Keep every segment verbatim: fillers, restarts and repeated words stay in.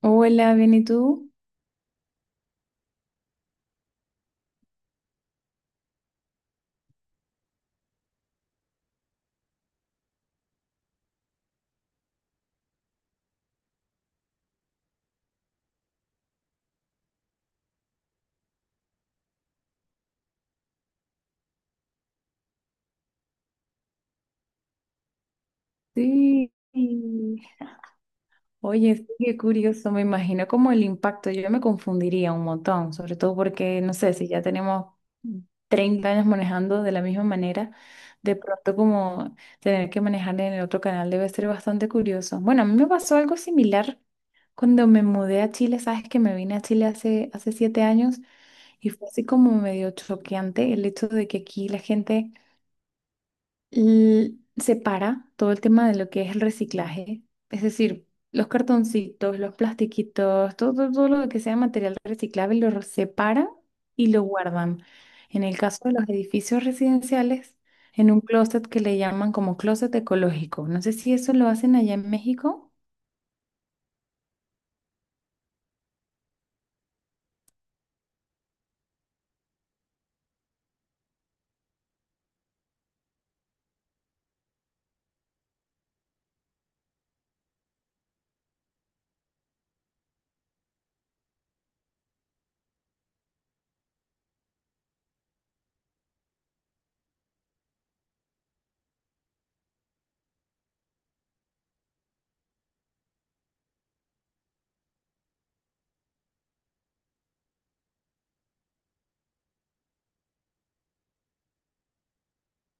Hola, ¿bien y tú? Sí. Oye, sí, qué curioso, me imagino como el impacto, yo me confundiría un montón, sobre todo porque, no sé, si ya tenemos treinta años manejando de la misma manera, de pronto como tener que manejar en el otro canal debe ser bastante curioso. Bueno, a mí me pasó algo similar cuando me mudé a Chile, sabes que me vine a Chile hace, hace siete años y fue así como medio choqueante el hecho de que aquí la gente... l- separa todo el tema de lo que es el reciclaje, es decir, los cartoncitos, los plastiquitos, todo, todo todo lo que sea material reciclable lo re- separa y lo guardan. En el caso de los edificios residenciales, en un closet que le llaman como closet ecológico. No sé si eso lo hacen allá en México.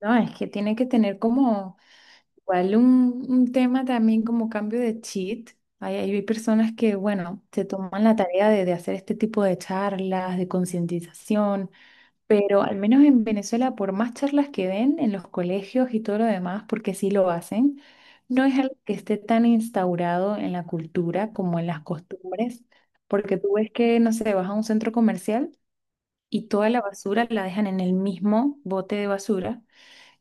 No, es que tiene que tener como igual un, un tema también como cambio de cheat. Hay, hay personas que, bueno, se toman la tarea de, de hacer este tipo de charlas, de concientización, pero al menos en Venezuela, por más charlas que den en los colegios y todo lo demás, porque sí lo hacen, no es algo que esté tan instaurado en la cultura como en las costumbres, porque tú ves que, no sé, vas a un centro comercial y toda la basura la dejan en el mismo bote de basura,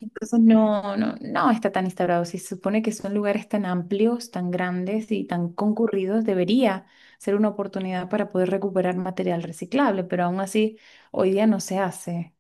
entonces no, no, no está tan instaurado. Si se supone que son lugares tan amplios, tan grandes y tan concurridos, debería ser una oportunidad para poder recuperar material reciclable, pero aún así hoy día no se hace.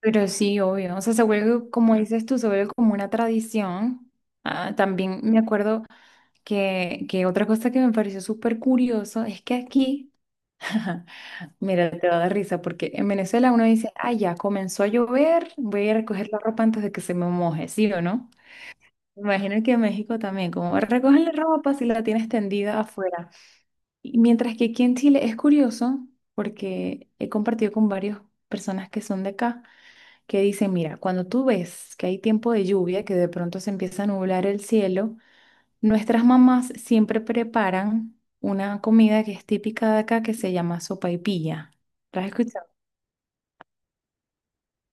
Pero sí, obvio. O sea, se vuelve, como dices tú, se vuelve como una tradición. Ah, también me acuerdo que, que otra cosa que me pareció súper curioso es que aquí mira, te va a dar risa porque en Venezuela uno dice, ah, ya comenzó a llover, voy a recoger la ropa antes de que se me moje, ¿sí o no? Imagino que en México también, como recogen la ropa si la tienes tendida afuera. Y mientras que aquí en Chile es curioso porque he compartido con varias personas que son de acá que dicen, mira, cuando tú ves que hay tiempo de lluvia, que de pronto se empieza a nublar el cielo, nuestras mamás siempre preparan una comida que es típica de acá que se llama sopaipilla. ¿La has escuchado?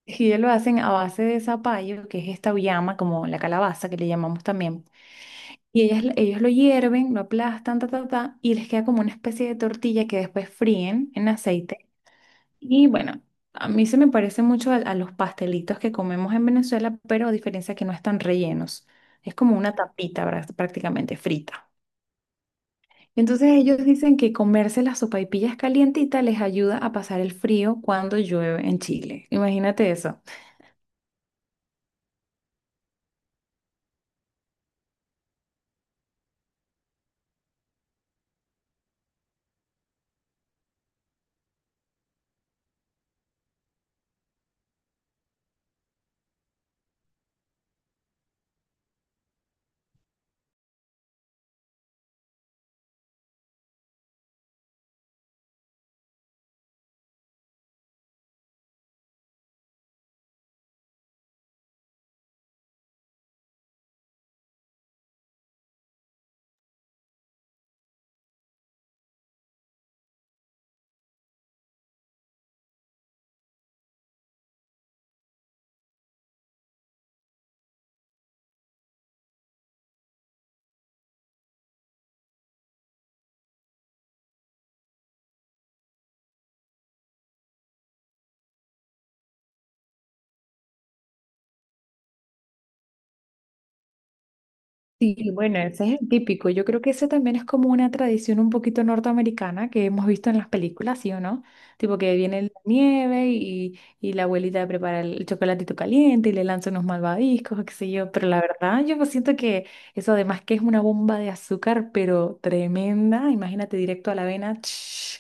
Ellos lo hacen a base de zapallo, que es esta uyama, como la calabaza que le llamamos también. Y ellas, ellos lo hierven, lo aplastan, ta, ta, ta, y les queda como una especie de tortilla que después fríen en aceite. Y bueno, a mí se me parece mucho a, a los pastelitos que comemos en Venezuela, pero a diferencia que no están rellenos. Es como una tapita bra- prácticamente frita. Entonces ellos dicen que comerse las sopaipillas calientitas les ayuda a pasar el frío cuando llueve en Chile. Imagínate eso. Sí, bueno, ese es el típico. Yo creo que ese también es como una tradición un poquito norteamericana que hemos visto en las películas, ¿sí o no? Tipo que viene la nieve y, y la abuelita prepara el chocolatito caliente y le lanza unos malvaviscos, o qué sé yo. Pero la verdad, yo pues siento que eso además que es una bomba de azúcar, pero tremenda. Imagínate directo a la avena, ch,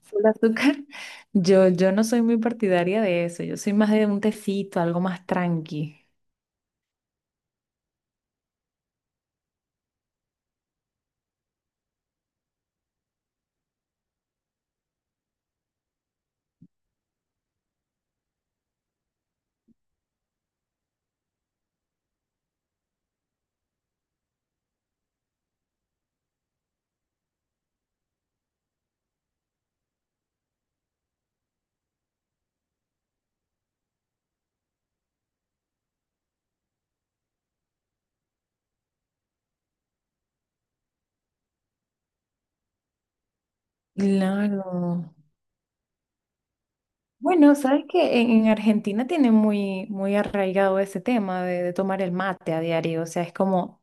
full azúcar. Yo, yo no soy muy partidaria de eso. Yo soy más de un tecito, algo más tranqui. Claro. Bueno, sabes que en, en Argentina tiene muy, muy arraigado ese tema de, de tomar el mate a diario, o sea, es como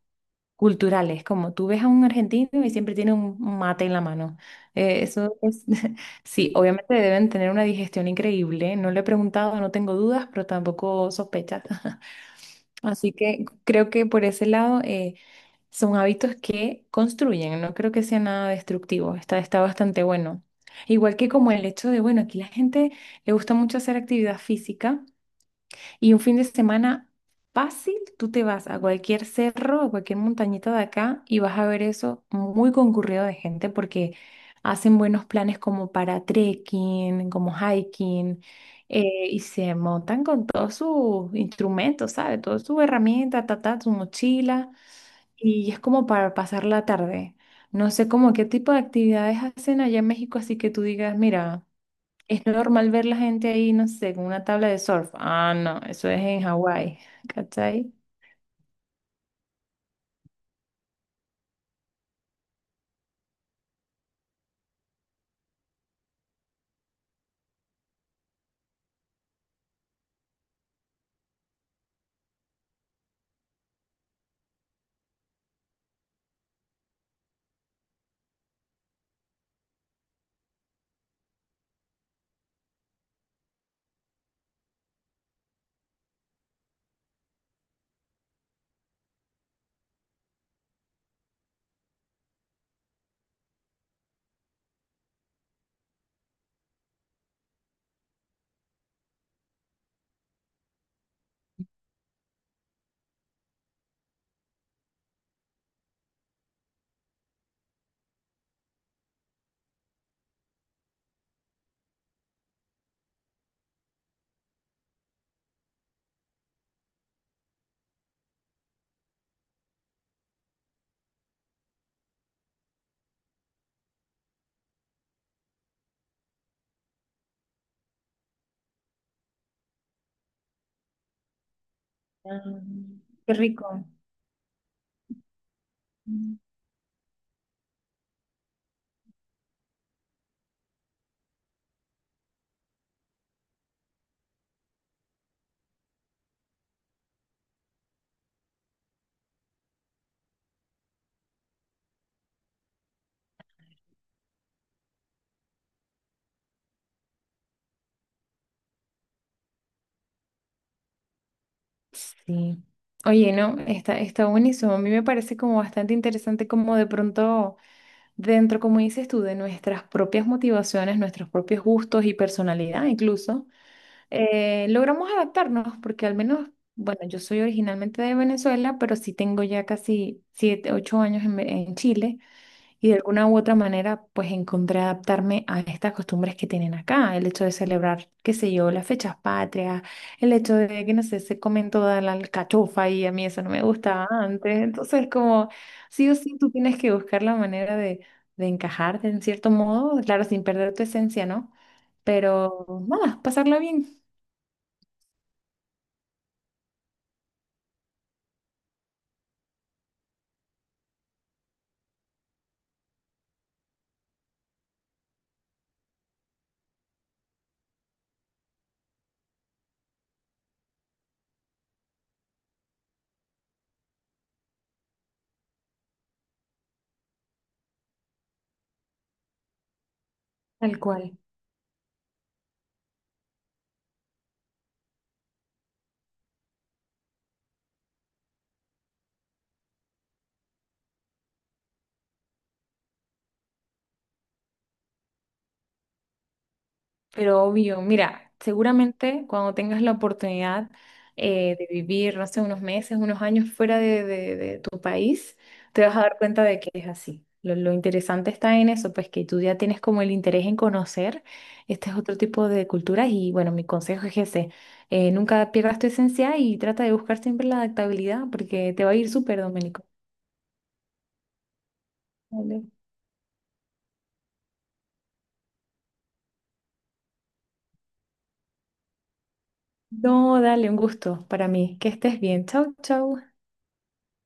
cultural, es como tú ves a un argentino y siempre tiene un un mate en la mano. Eh, eso es, sí, obviamente deben tener una digestión increíble, no le he preguntado, no tengo dudas, pero tampoco sospechas. Así que creo que por ese lado, eh, son hábitos que construyen, no creo que sea nada destructivo, está, está bastante bueno. Igual que como el hecho de, bueno, aquí la gente le gusta mucho hacer actividad física y un fin de semana fácil, tú te vas a cualquier cerro, a cualquier montañita de acá y vas a ver eso muy concurrido de gente porque hacen buenos planes como para trekking, como hiking, eh, y se montan con todos sus instrumentos, ¿sabes? Todas sus herramientas, ta, ta, su mochila. Y es como para pasar la tarde. No sé cómo qué tipo de actividades hacen allá en México, así que tú digas, mira, es normal ver la gente ahí, no sé, con una tabla de surf. Ah, no, eso es en Hawái, ¿cachai? Ah, qué rico. Mm. Sí. Oye, no, está, está buenísimo. A mí me parece como bastante interesante como de pronto dentro, como dices tú, de nuestras propias motivaciones, nuestros propios gustos y personalidad incluso. Eh, logramos adaptarnos porque al menos, bueno, yo soy originalmente de Venezuela, pero sí tengo ya casi siete, ocho años en, Ve- en Chile y de alguna u otra manera pues encontré adaptarme a estas costumbres que tienen acá, el hecho de celebrar, qué sé yo, las fechas patrias, el hecho de que no sé, se comen toda la alcachofa y a mí eso no me gustaba antes, entonces como sí o sí tú tienes que buscar la manera de, de encajarte en cierto modo, claro, sin perder tu esencia, ¿no? Pero nada, pasarla bien. Tal cual, pero obvio, mira, seguramente cuando tengas la oportunidad eh, de vivir, no sé, unos meses, unos años fuera de, de- de tu país, te vas a dar cuenta de que es así. Lo, lo interesante está en eso, pues que tú ya tienes como el interés en conocer este es otro tipo de culturas y bueno, mi consejo es ese, eh, nunca pierdas tu esencia y trata de buscar siempre la adaptabilidad porque te va a ir súper, Domenico. Vale. No, dale, un gusto para mí. Que estés bien. Chau, chau.